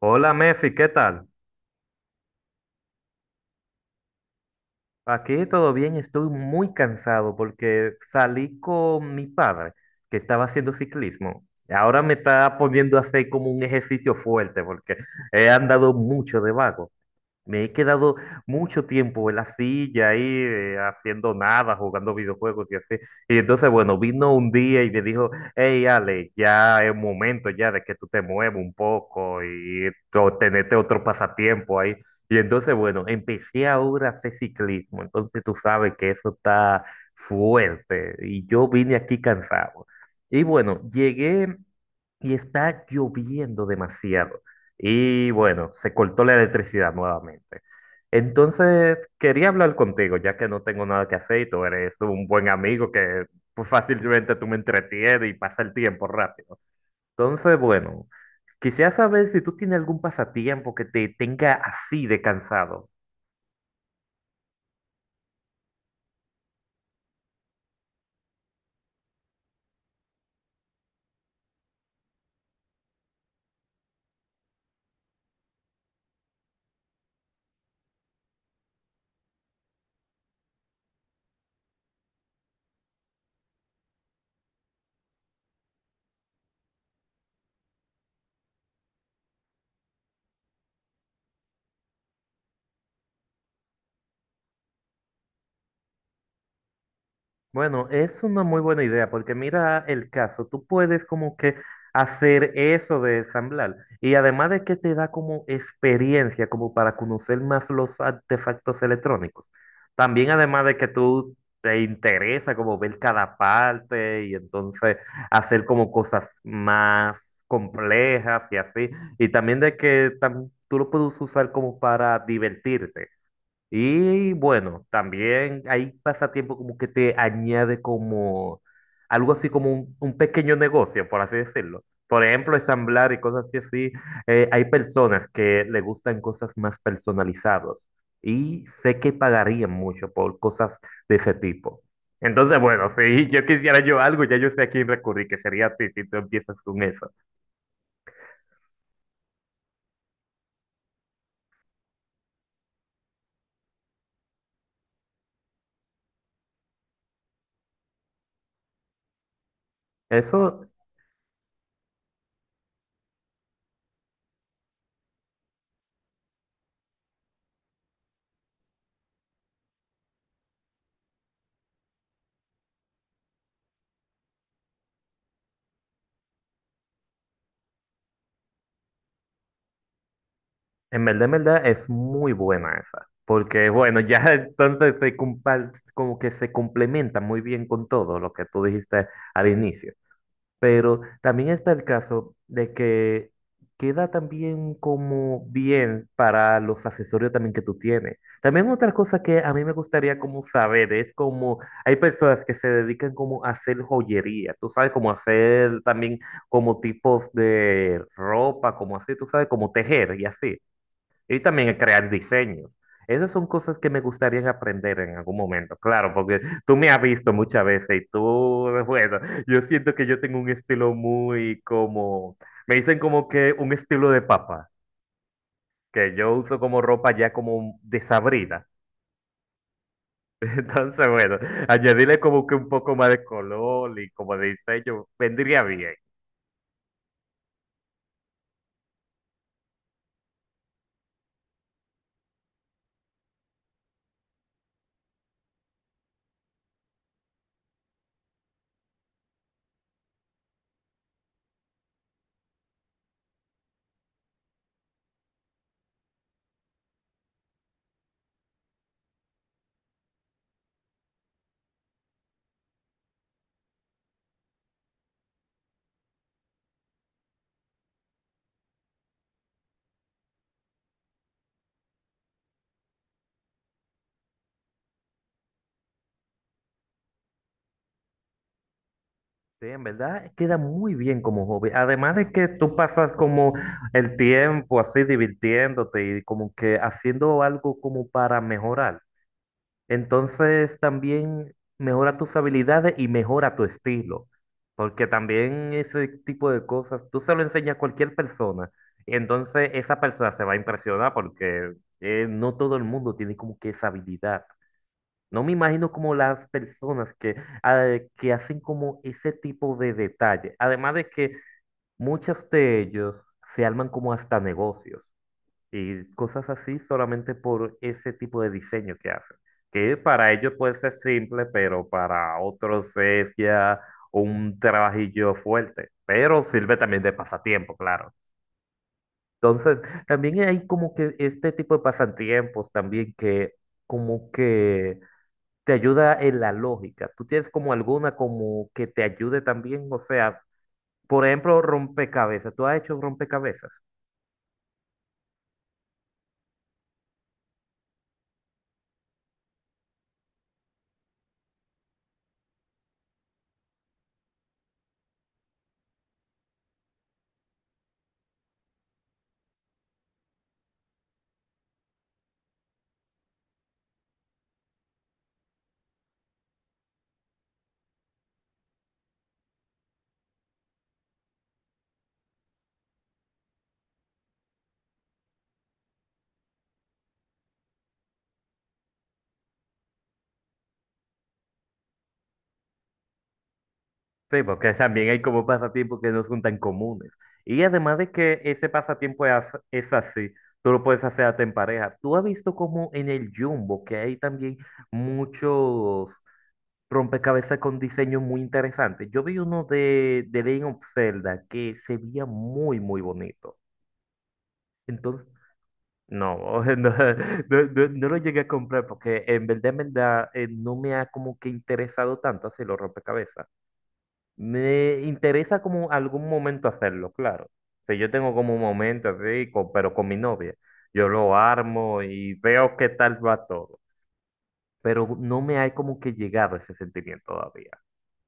Hola Mefi, ¿qué tal? Aquí todo bien, estoy muy cansado porque salí con mi padre que estaba haciendo ciclismo. Ahora me está poniendo a hacer como un ejercicio fuerte porque he andado mucho de vago. Me he quedado mucho tiempo en la silla ahí haciendo nada, jugando videojuegos y así. Y entonces, bueno, vino un día y me dijo, hey Ale, ya es momento ya de que tú te muevas un poco y tenete otro pasatiempo ahí. Y entonces, bueno, empecé ahora a hacer ciclismo. Entonces tú sabes que eso está fuerte y yo vine aquí cansado. Y bueno, llegué y está lloviendo demasiado. Y bueno, se cortó la electricidad nuevamente. Entonces, quería hablar contigo, ya que no tengo nada que hacer y tú eres un buen amigo que pues, fácilmente tú me entretienes y pasa el tiempo rápido. Entonces, bueno, quisiera saber si tú tienes algún pasatiempo que te tenga así de cansado. Bueno, es una muy buena idea porque mira el caso, tú puedes como que hacer eso de ensamblar y además de que te da como experiencia como para conocer más los artefactos electrónicos, también además de que tú te interesa como ver cada parte y entonces hacer como cosas más complejas y así, y también de que tú lo puedes usar como para divertirte. Y bueno, también hay pasatiempo como que te añade como algo así como un pequeño negocio, por así decirlo. Por ejemplo, ensamblar y cosas así, así. Hay personas que le gustan cosas más personalizadas y sé que pagarían mucho por cosas de ese tipo. Entonces, bueno, si yo quisiera yo algo, ya yo sé a quién recurrir, que sería a ti si tú empiezas con eso. Eso. En verdad es muy buena esa, porque bueno, ya entonces como que se complementa muy bien con todo lo que tú dijiste al inicio. Pero también está el caso de que queda también como bien para los accesorios también que tú tienes. También otra cosa que a mí me gustaría como saber es como hay personas que se dedican como a hacer joyería, tú sabes, como hacer también como tipos de ropa, como así, tú sabes, como tejer y así. Y también el crear diseños. Esas son cosas que me gustaría aprender en algún momento, claro, porque tú me has visto muchas veces y tú, bueno, yo siento que yo tengo un estilo muy como, me dicen como que un estilo de papa, que yo uso como ropa ya como desabrida. Entonces, bueno, añadirle como que un poco más de color y como de diseño vendría bien. Sí, en verdad queda muy bien como hobby. Además de que tú pasas como el tiempo así divirtiéndote y como que haciendo algo como para mejorar. Entonces también mejora tus habilidades y mejora tu estilo. Porque también ese tipo de cosas, tú se lo enseñas a cualquier persona. Y entonces esa persona se va a impresionar porque no todo el mundo tiene como que esa habilidad. No me imagino como las personas que, ah, que hacen como ese tipo de detalle. Además de que muchos de ellos se arman como hasta negocios y cosas así solamente por ese tipo de diseño que hacen. Que para ellos puede ser simple, pero para otros es ya un trabajillo fuerte. Pero sirve también de pasatiempo, claro. Entonces, también hay como que este tipo de pasatiempos también que como que te ayuda en la lógica. ¿Tú tienes como alguna como que te ayude también? O sea, por ejemplo, rompecabezas. ¿Tú has hecho rompecabezas? Sí, porque también hay como pasatiempos que no son tan comunes. Y además de que ese pasatiempo es, es así, tú lo puedes hacer hasta en pareja. ¿Tú has visto como en el Jumbo que hay también muchos rompecabezas con diseños muy interesantes? Yo vi uno de Legend of Zelda que se veía muy, muy bonito. Entonces, no, no, no, no lo llegué a comprar porque en verdad, no me ha como que interesado tanto hacer los rompecabezas. Me interesa como algún momento hacerlo, claro. O sea, yo tengo como un momento así, pero con mi novia. Yo lo armo y veo qué tal va todo. Pero no me ha como que llegado ese sentimiento todavía.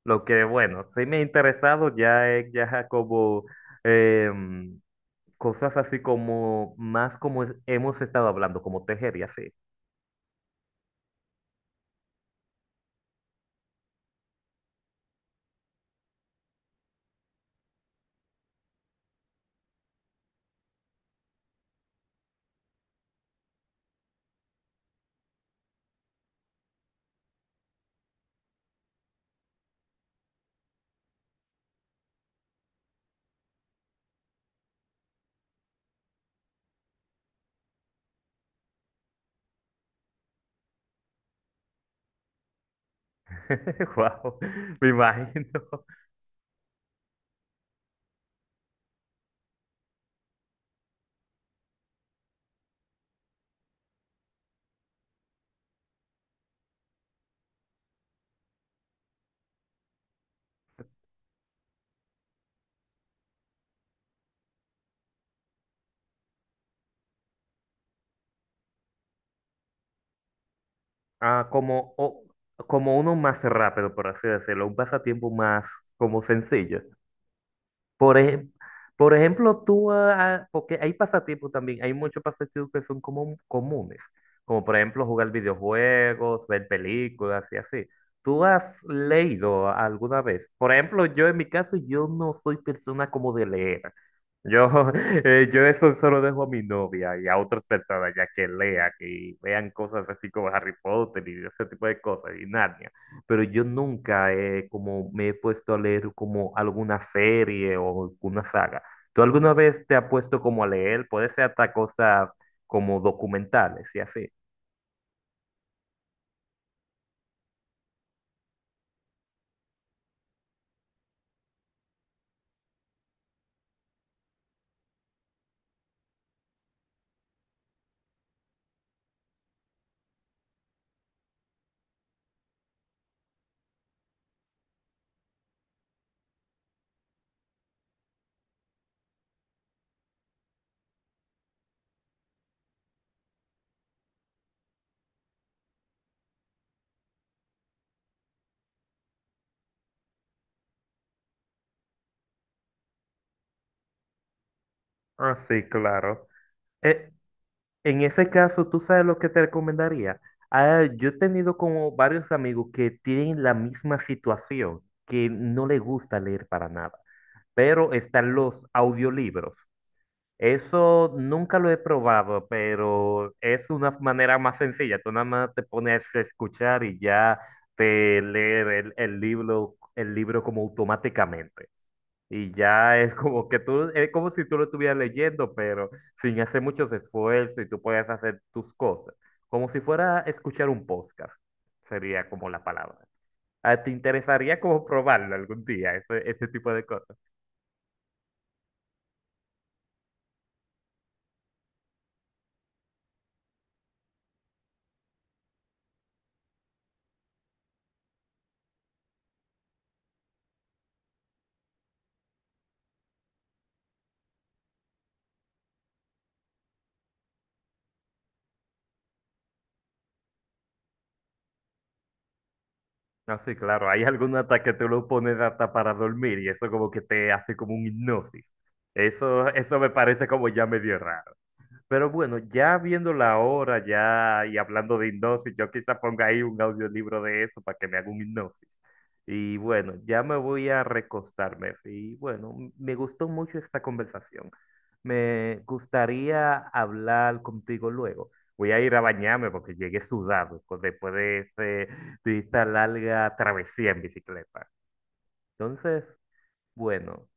Lo que, bueno, sí me ha interesado ya es ya como... em, cosas así como más como hemos estado hablando, como tejer y así. Wow, me imagino. Ah, como, como uno más rápido, por así decirlo, un pasatiempo más como sencillo. Por, ej- por ejemplo, tú, ah, ah, porque hay pasatiempos también, hay muchos pasatiempos que son como comunes, como por ejemplo jugar videojuegos, ver películas y así. ¿Tú has leído alguna vez? Por ejemplo, yo en mi caso, yo no soy persona como de leer. Yo, yo eso solo dejo a mi novia y a otras personas ya que lean y vean cosas así como Harry Potter y ese tipo de cosas y Narnia, pero yo nunca como me he puesto a leer como alguna serie o alguna saga. ¿Tú alguna vez te has puesto como a leer? Puede ser hasta cosas como documentales y así. Ah, sí, claro. Eh, en ese caso, ¿tú sabes lo que te recomendaría? Ah, yo he tenido como varios amigos que tienen la misma situación, que no les gusta leer para nada, pero están los audiolibros. Eso nunca lo he probado, pero es una manera más sencilla. Tú nada más te pones a escuchar y ya te leer el libro, el libro como automáticamente. Y ya es como que tú, es como si tú lo estuvieras leyendo, pero sin hacer muchos esfuerzos y tú puedes hacer tus cosas. Como si fuera escuchar un podcast, sería como la palabra. Ah, ¿te interesaría como probarlo algún día, este tipo de cosas? No, sí, claro. Hay algún ataque que te lo pones hasta para dormir y eso como que te hace como un hipnosis. Eso me parece como ya medio raro. Pero bueno, ya viendo la hora ya y hablando de hipnosis, yo quizá ponga ahí un audiolibro de eso para que me haga un hipnosis. Y bueno, ya me voy a recostarme. Y bueno, me gustó mucho esta conversación. Me gustaría hablar contigo luego. Voy a ir a bañarme porque llegué sudado pues, de esta larga travesía en bicicleta. Entonces, bueno,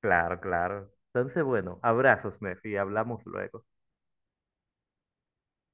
claro, claro. Entonces, bueno, abrazos, Mefi. Hablamos luego.